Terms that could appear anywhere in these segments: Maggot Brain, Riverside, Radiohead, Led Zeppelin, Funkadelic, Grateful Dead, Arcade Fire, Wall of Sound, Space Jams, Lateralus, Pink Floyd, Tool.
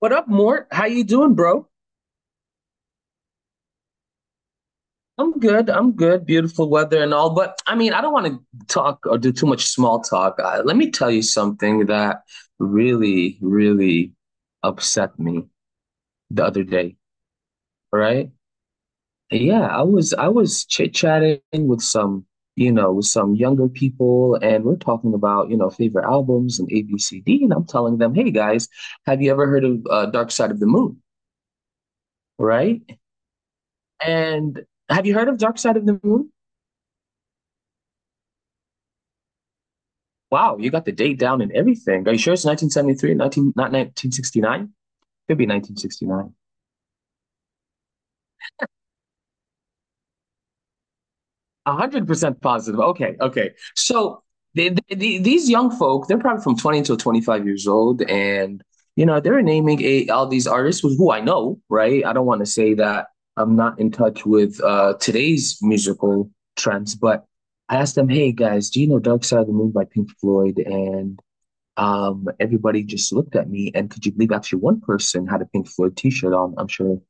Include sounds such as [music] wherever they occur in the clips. What up, Mort? How you doing, bro? I'm good. I'm good. Beautiful weather and all, but I mean, I don't want to talk or do too much small talk. Let me tell you something that really, really upset me the other day. All right? Yeah, I was chit-chatting with some with some younger people, and we're talking about favorite albums and ABCD, and I'm telling them, hey guys, have you ever heard of Dark Side of the Moon, right? And have you heard of Dark Side of the Moon? Wow, you got the date down and everything. Are you sure it's 1973, 19, not 1969? Could be 1969. 100% positive. Okay, okay. So these young folk, they're probably from 20 to 25 years old. And they're naming all these artists who I know, right? I don't want to say that I'm not in touch with today's musical trends, but I asked them, hey guys, do you know Dark Side of the Moon by Pink Floyd? And everybody just looked at me, and could you believe actually one person had a Pink Floyd t-shirt on? I'm sure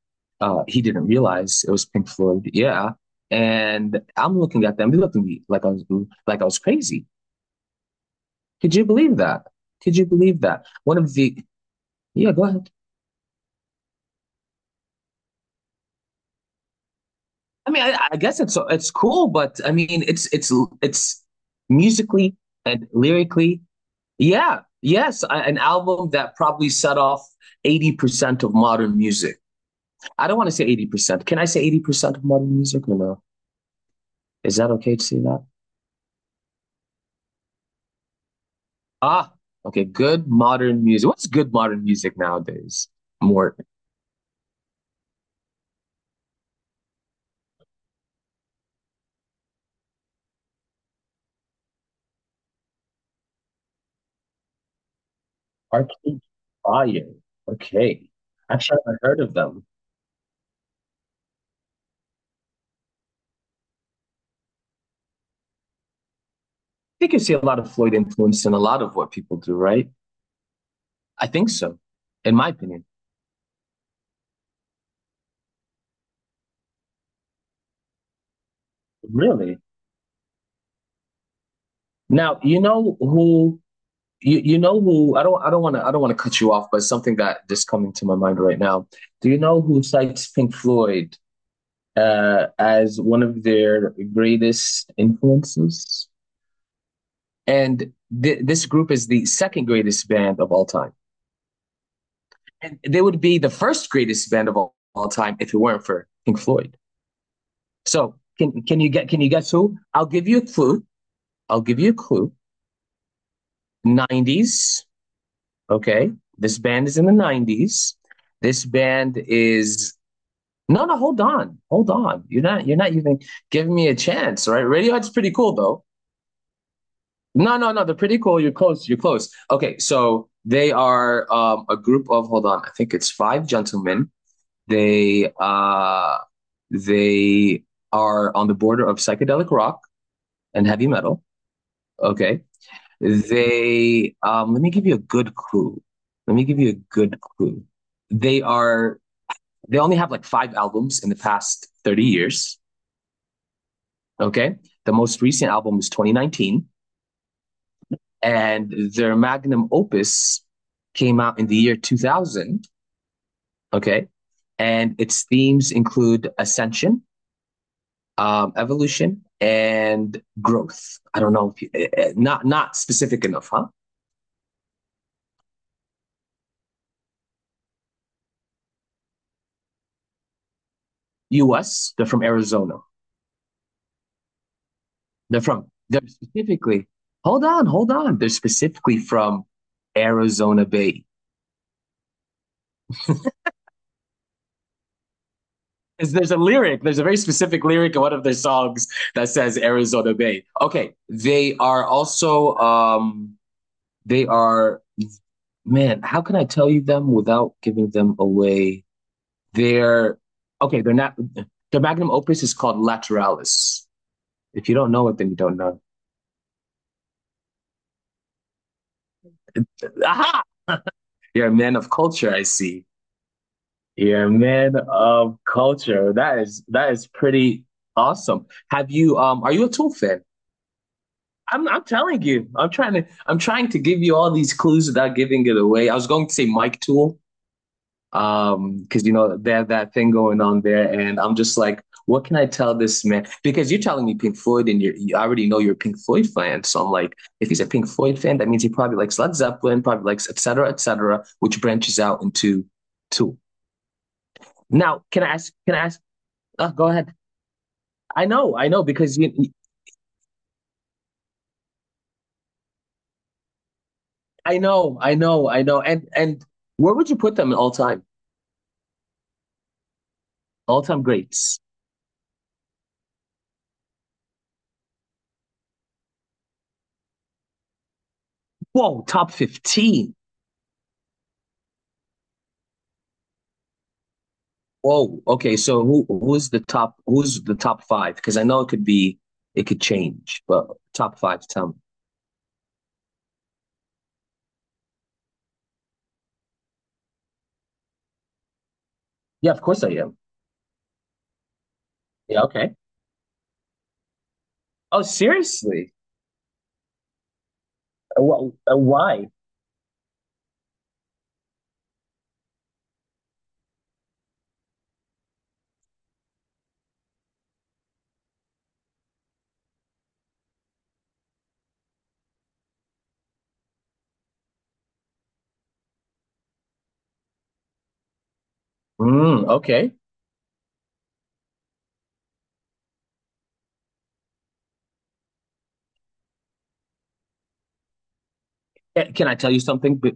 he didn't realize it was Pink Floyd. Yeah, and I'm looking at them. They looked at me like I was crazy. Could you believe that? Could you believe that? One of the yeah, go ahead. I mean, I guess it's cool, but I mean, it's musically and lyrically, yeah, yes, an album that probably set off 80% of modern music. I don't want to say 80%. Can I say 80% of modern music or no? Is that okay to say that? Ah, okay. Good modern music. What's good modern music nowadays? More Arcade Fire. Okay. Actually, I've never heard of them. I think you see a lot of Floyd influence in a lot of what people do, right? I think so, in my opinion. Really? Now, you know who I don't want to cut you off, but something that just coming to my mind right now. Do you know who cites Pink Floyd as one of their greatest influences. And this group is the second greatest band of all time. And they would be the first greatest band of all time if it weren't for Pink Floyd. So can you guess who? I'll give you a clue. I'll give you a clue. 90s. Okay. This band is in the 90s. This band is No, no, hold on. Hold on. You're not even giving me a chance, right? Radiohead's pretty cool though. No, no, no. They're pretty cool. You're close. You're close. Okay, so they are a group of, hold on, I think it's five gentlemen. They uh they are on the border of psychedelic rock and heavy metal. Okay. They let me give you a good clue. Let me give you a good clue. They are they only have like five albums in the past 30 years. Okay. The most recent album is 2019. And their magnum opus came out in the year 2000. Okay. And its themes include ascension, evolution, and growth. I don't know if you, not specific enough, huh? U.S. They're from Arizona. They're specifically. Hold on, hold on. They're specifically from Arizona Bay. 'Cause there's a lyric. There's a very specific lyric in one of their songs that says Arizona Bay. Okay, they are, man, how can I tell you them without giving them away? They're, okay. they're not, their magnum opus is called Lateralis. If you don't know it, then you don't know. Aha! You're a man of culture, I see. You're a man of culture. That is pretty awesome. Have you are you a Tool fan? I'm telling you. I'm trying to give you all these clues without giving it away. I was going to say Mike Tool, because they have that thing going on there, and I'm just like what can I tell this man, because you're telling me Pink Floyd, and you already know you're a Pink Floyd fan, so I'm like if he's a Pink Floyd fan that means he probably likes Led Zeppelin, probably likes et cetera et cetera, which branches out into two. Now can I ask oh, go ahead. I know, because you I know I know I know and where would you put them in all time greats? Whoa, top 15. Whoa. Okay. So who's the top? Who's the top five? Because I know it could change, but top five. Tell me. Yeah, of course I am. Yeah, okay. Oh, seriously? Why? Mm, okay. Can I tell you something?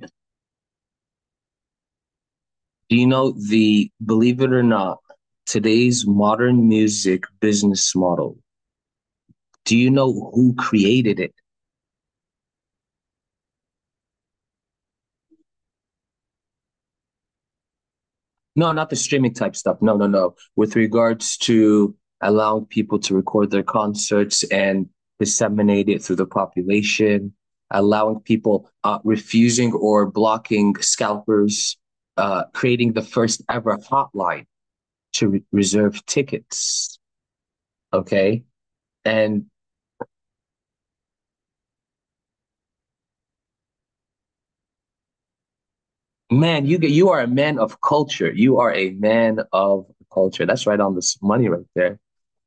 Do you know the believe it or not, today's modern music business model? Do you know who created it? No, not the streaming type stuff. No, no, no. With regards to allowing people to record their concerts and disseminate it through the population, allowing people refusing or blocking scalpers, creating the first ever hotline to reserve tickets. Okay, and man, you are a man of culture. You are a man of culture. That's right on this money right there.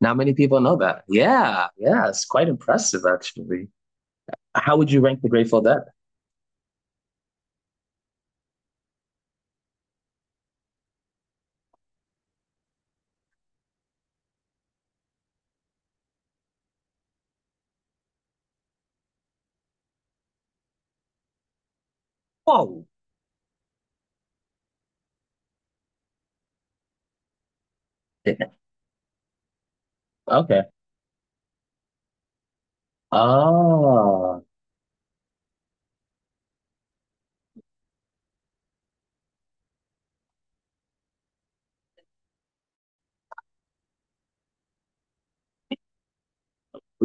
Not many people know that. Yeah, yeah, it's quite impressive actually. How would you rank the Grateful Dead? Whoa. [laughs] Okay. Ah,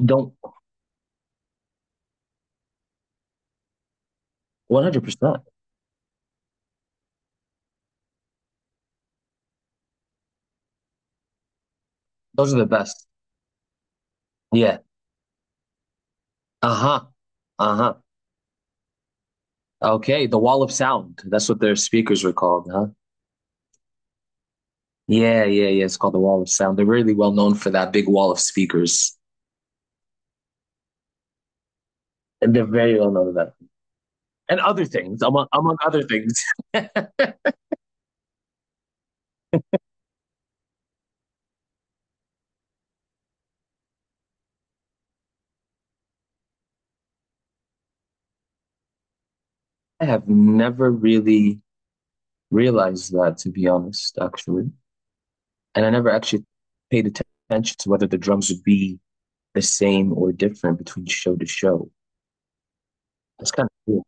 don't 100%. Those are the best. Yeah. Uh-huh. Uh-huh. Okay, the Wall of Sound. That's what their speakers were called, huh? Yeah, yeah, yeah. It's called the Wall of Sound. They're really well known for that big wall of speakers. And they're very well known for that. And other things, among other things. [laughs] I have never really realized that, to be honest, actually. And I never actually paid attention to whether the drums would be the same or different between show to show. That's kind of cool.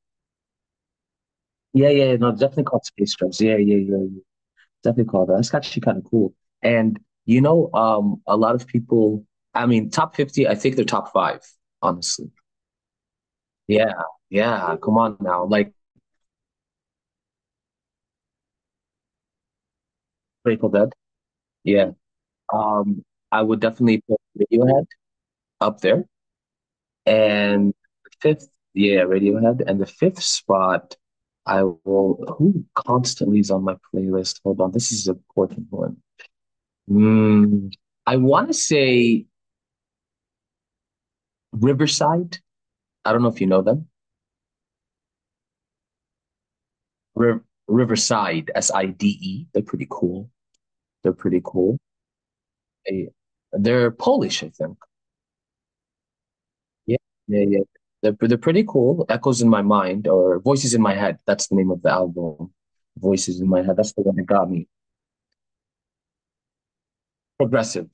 Yeah, yeah, yeah, no, definitely called Space Jams. Yeah, yeah, yeah, yeah. Definitely called that. That's actually kind of cool. And a lot of people, I mean, top 50, I think they're top five, honestly. Yeah, yeah. Come on now. Like Grateful Dead. Yeah. Um, I would definitely put Radiohead up there. And fifth, yeah, Radiohead. And the fifth spot, I will. Who constantly is on my playlist? Hold on, this is an important one. Mm, I want to say Riverside. I don't know if you know them. Riv Riverside, SIDE. They're pretty cool. They're pretty cool. They, they're Polish, I think. Yeah, yeah, yeah. They're pretty cool. Echoes in My Mind or Voices in My Head. That's the name of the album. Voices in My Head. That's the one that got me. Progressive.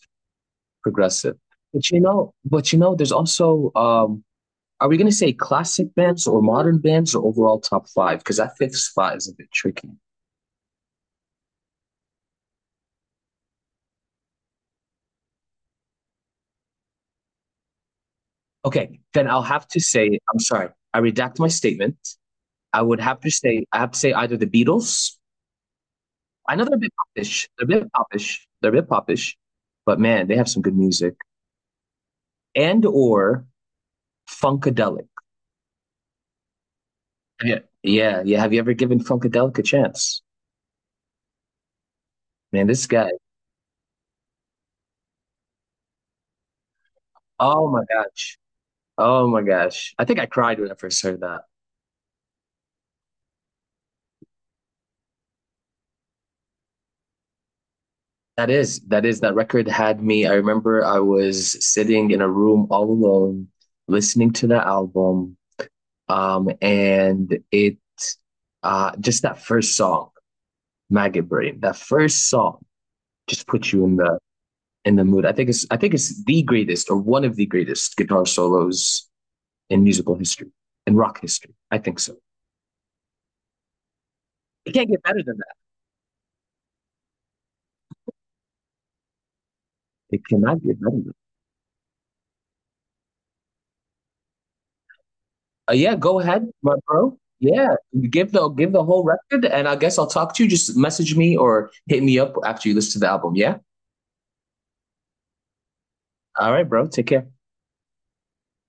progressive. But you know, there's also are we gonna say classic bands or modern bands or overall top five? Because that fifth spot is a bit tricky. Okay, then I'll have to say I'm sorry. I redact my statement. I would have to say I have to say either the Beatles. I know they're a bit popish. They're a bit popish. They're a bit popish, but man, they have some good music. And or Funkadelic. Yeah, yeah, yeah. Have you ever given Funkadelic a chance? Man, this guy. Oh my gosh. Oh my gosh. I think I cried when I first heard that. That record had me. I remember I was sitting in a room all alone, listening to the album. And just that first song, Maggot Brain, that first song just puts you in the mood. I think it's the greatest or one of the greatest guitar solos in musical history, in rock history. I think so. It can't get better than that. It cannot get better than yeah, go ahead, my bro. Yeah, give the whole record, and I guess I'll talk to you. Just message me or hit me up after you listen to the album. Yeah. All right, bro. Take care.